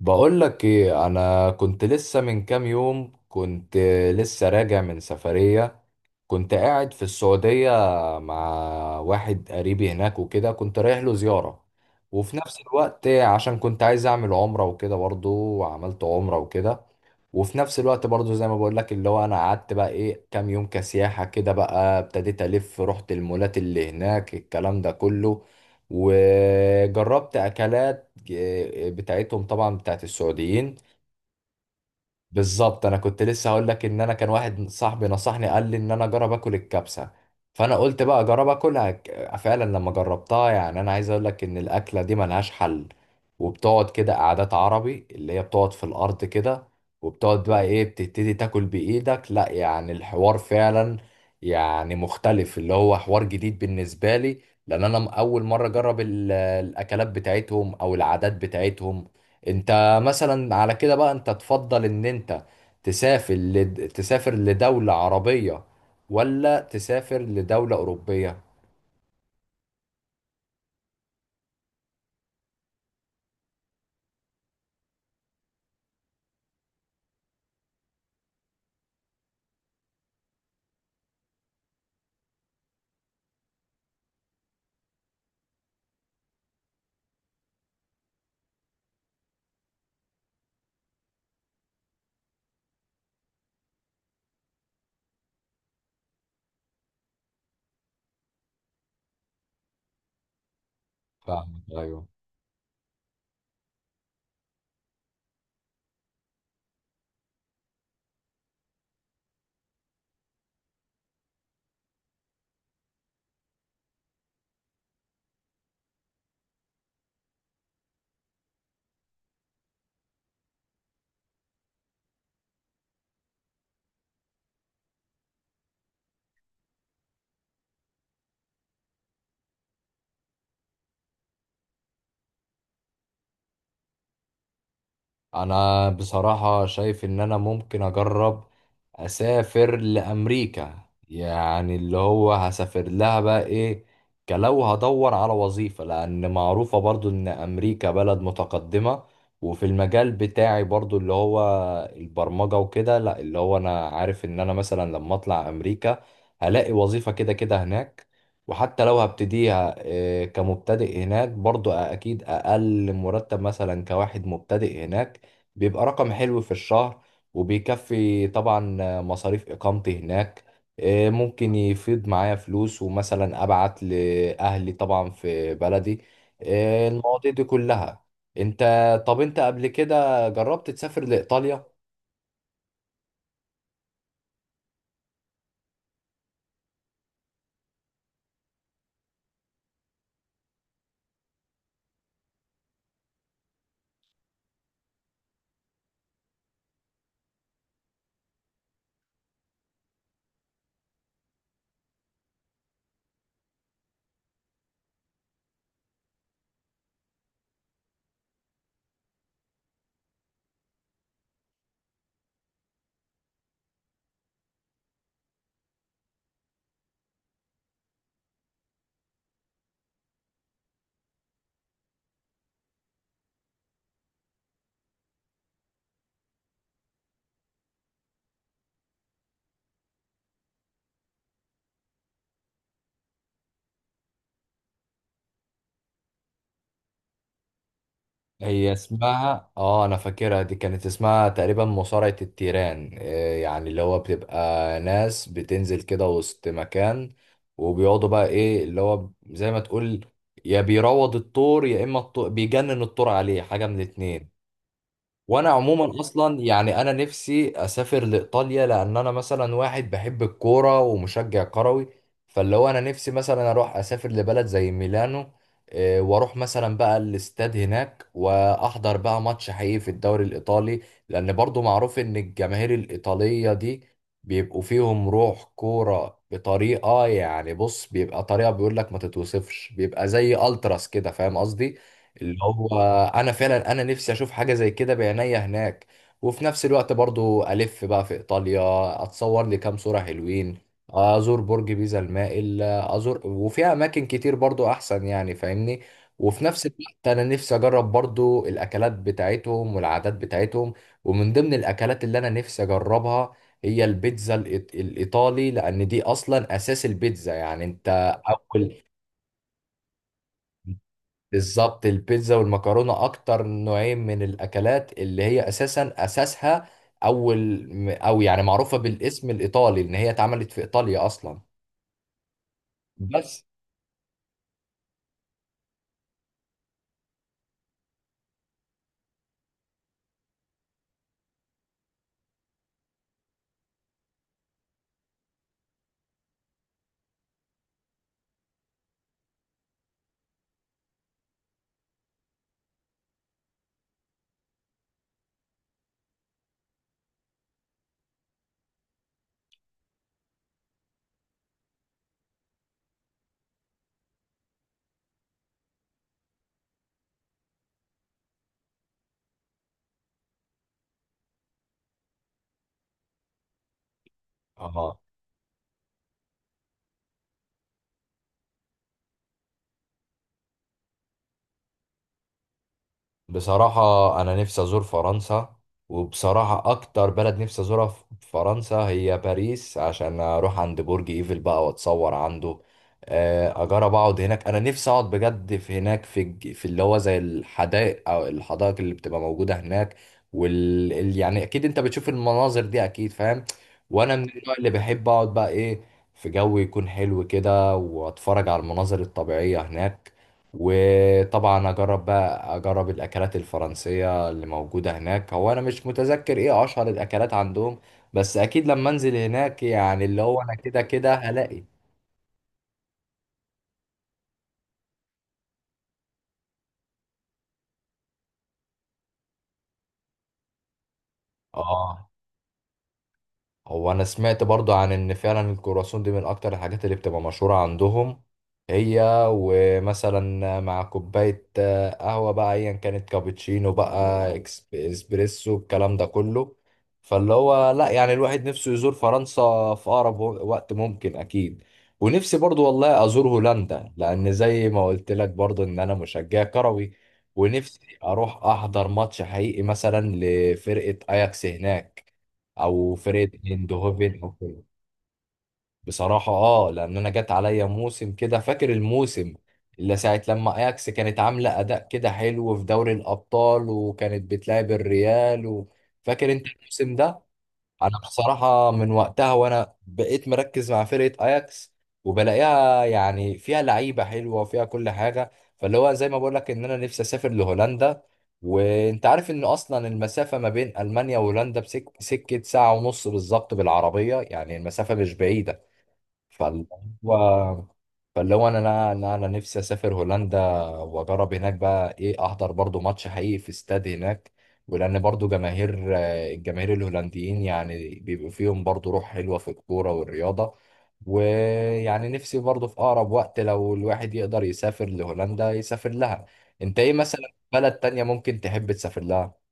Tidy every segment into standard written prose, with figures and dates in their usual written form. بقول لك ايه، انا كنت لسه من كام يوم كنت لسه راجع من سفرية. كنت قاعد في السعودية مع واحد قريبي هناك وكده، كنت رايح له زيارة. وفي نفس الوقت عشان كنت عايز اعمل عمرة وكده برضه، وعملت عمرة وكده. وفي نفس الوقت برضو زي ما بقول لك، اللي هو انا قعدت بقى ايه كام يوم كسياحة كده، بقى ابتديت الف، رحت المولات اللي هناك الكلام ده كله. وجربت اكلات بتاعتهم طبعا، بتاعت السعوديين. بالظبط، انا كنت لسه هقول لك ان انا كان واحد صاحبي نصحني، قال لي ان انا اجرب اكل الكبسه. فانا قلت بقى اجرب اكلها، فعلا لما جربتها، يعني انا عايز اقول لك ان الاكله دي ملهاش حل. وبتقعد كده قعدات عربي، اللي هي بتقعد في الارض كده. وبتقعد بقى ايه، بتبتدي تاكل بايدك، لا يعني الحوار فعلا يعني مختلف، اللي هو حوار جديد بالنسبه لي. لان انا اول مره اجرب الاكلات بتاعتهم او العادات بتاعتهم. انت مثلا على كده بقى، انت تفضل ان انت تسافر تسافر لدولة عربية، ولا تسافر لدولة أوروبية؟ فاهمك، أيوه. انا بصراحة شايف ان انا ممكن اجرب اسافر لامريكا، يعني اللي هو هسافر لها بقى ايه، كلو هدور على وظيفة، لان معروفة برضو ان امريكا بلد متقدمة. وفي المجال بتاعي برضو اللي هو البرمجة وكده، لا اللي هو انا عارف ان انا مثلا لما اطلع امريكا هلاقي وظيفة كده كده هناك. وحتى لو هبتديها إيه، كمبتدئ هناك، برضو اكيد اقل مرتب مثلا كواحد مبتدئ هناك بيبقى رقم حلو في الشهر، وبيكفي طبعا مصاريف إقامتي هناك. ممكن يفيض معايا فلوس ومثلا أبعت لأهلي طبعا في بلدي، المواضيع دي كلها. انت، طب انت قبل كده جربت تسافر لإيطاليا؟ هي اسمها، انا فاكرها دي، كانت اسمها تقريبا مصارعة التيران، إيه يعني اللي هو بتبقى ناس بتنزل كده وسط مكان، وبيقعدوا بقى ايه اللي هو زي ما تقول، يا بيروض الطور يا اما الطور بيجنن الطور، عليه حاجة من الاتنين. وانا عموما اصلا، يعني انا نفسي اسافر لايطاليا، لان انا مثلا واحد بحب الكوره ومشجع كروي. فاللي هو انا نفسي مثلا اروح اسافر لبلد زي ميلانو، واروح مثلا بقى الاستاد هناك واحضر بقى ماتش حقيقي في الدوري الايطالي. لان برضو معروف ان الجماهير الايطاليه دي بيبقوا فيهم روح كوره بطريقه، يعني بص بيبقى طريقه بيقول لك ما تتوصفش، بيبقى زي التراس كده، فاهم قصدي. اللي هو انا فعلا انا نفسي اشوف حاجه زي كده بعينيا هناك. وفي نفس الوقت برضو الف بقى في ايطاليا، اتصور لي كام صوره حلوين، ازور برج بيزا المائل، ازور، وفيها اماكن كتير برضو احسن يعني، فاهمني. وفي نفس الوقت انا نفسي اجرب برضو الاكلات بتاعتهم والعادات بتاعتهم. ومن ضمن الاكلات اللي انا نفسي اجربها هي البيتزا الايطالي، لان دي اصلا اساس البيتزا، يعني انت اول. بالظبط، البيتزا والمكرونة أكتر نوعين من الأكلات اللي هي أساسا أساسها أول، أو يعني معروفة بالاسم الإيطالي إن هي اتعملت في إيطاليا أصلا. بس آه. بصراحة أنا نفسي أزور فرنسا، وبصراحة أكتر بلد نفسي أزورها في فرنسا هي باريس، عشان أروح عند برج إيفل بقى وأتصور عنده. أجرب أقعد هناك، أنا نفسي أقعد بجد في هناك في في اللي هو زي الحدائق أو الحدائق اللي بتبقى موجودة هناك. يعني أكيد أنت بتشوف المناظر دي، أكيد فاهم. وأنا من النوع اللي بحب أقعد بقى إيه في جو يكون حلو كده وأتفرج على المناظر الطبيعية هناك. وطبعا اجرب بقى اجرب الاكلات الفرنسيه اللي موجوده هناك. هو انا مش متذكر ايه اشهر الاكلات عندهم، بس اكيد لما انزل هناك يعني اللي هو انا كده كده هلاقي. اه هو انا سمعت برضو عن ان فعلا الكرواسون دي من اكتر الحاجات اللي بتبقى مشهورة عندهم هي، ومثلا مع كوباية قهوة بقى ايا كانت، كابتشينو بقى، اسبريسو الكلام ده كله. فاللي هو لا، يعني الواحد نفسه يزور فرنسا في اقرب وقت ممكن، اكيد. ونفسي برضو والله ازور هولندا، لان زي ما قلت لك برضو ان انا مشجع كروي، ونفسي اروح احضر ماتش حقيقي مثلا لفرقة اياكس هناك، او فرقه ايندهوفن او كده. بصراحه لان انا جت عليا موسم كده، فاكر الموسم اللي ساعه لما اياكس كانت عامله اداء كده حلو في دوري الابطال، وكانت بتلعب الريال فاكر انت الموسم ده؟ انا بصراحه من وقتها وانا بقيت مركز مع فرقه اياكس، وبلاقيها يعني فيها لعيبه حلوه وفيها كل حاجه. فاللي هو زي ما بقول لك ان انا نفسي اسافر لهولندا. وانت عارف ان اصلا المسافه ما بين المانيا وهولندا سكه ساعه ونص بالظبط بالعربيه، يعني المسافه مش بعيده. فاللي هو فاللي هو انا انا انا أنا نفسي اسافر هولندا، واجرب هناك بقى ايه احضر برضو ماتش حقيقي في استاد هناك. ولان برضو جماهير آه، الجماهير الهولنديين يعني بيبقوا فيهم برضو روح حلوة في الكورة والرياضة. ويعني نفسي برضو في اقرب وقت لو الواحد يقدر يسافر لهولندا يسافر لها. انت ايه مثلا بلد تانية ممكن تحب تسافر لها؟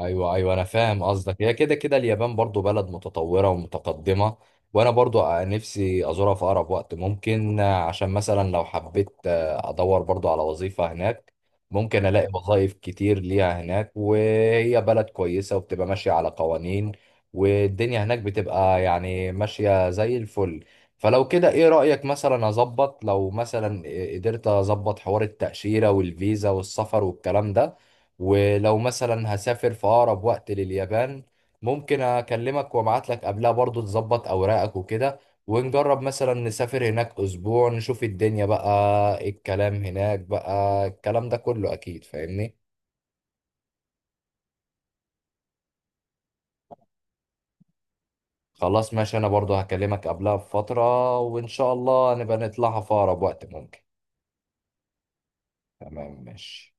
ايوه ايوه، انا فاهم قصدك. هي كده كده اليابان برضو بلد متطوره ومتقدمه، وانا برضو نفسي ازورها في اقرب وقت ممكن. عشان مثلا لو حبيت ادور برضو على وظيفه هناك، ممكن الاقي وظائف كتير ليها هناك، وهي بلد كويسه وبتبقى ماشيه على قوانين، والدنيا هناك بتبقى يعني ماشيه زي الفل. فلو كده ايه رايك مثلا اظبط، لو مثلا قدرت اظبط حوار التاشيره والفيزا والسفر والكلام ده، ولو مثلا هسافر في أقرب وقت لليابان، ممكن أكلمك وأبعت لك قبلها، برضو تظبط أوراقك وكده، ونجرب مثلا نسافر هناك أسبوع نشوف الدنيا بقى إيه الكلام هناك، بقى الكلام ده كله، أكيد فاهمني. خلاص ماشي، أنا برضو هكلمك قبلها بفترة، وإن شاء الله نبقى نطلعها في أقرب وقت ممكن. تمام ماشي.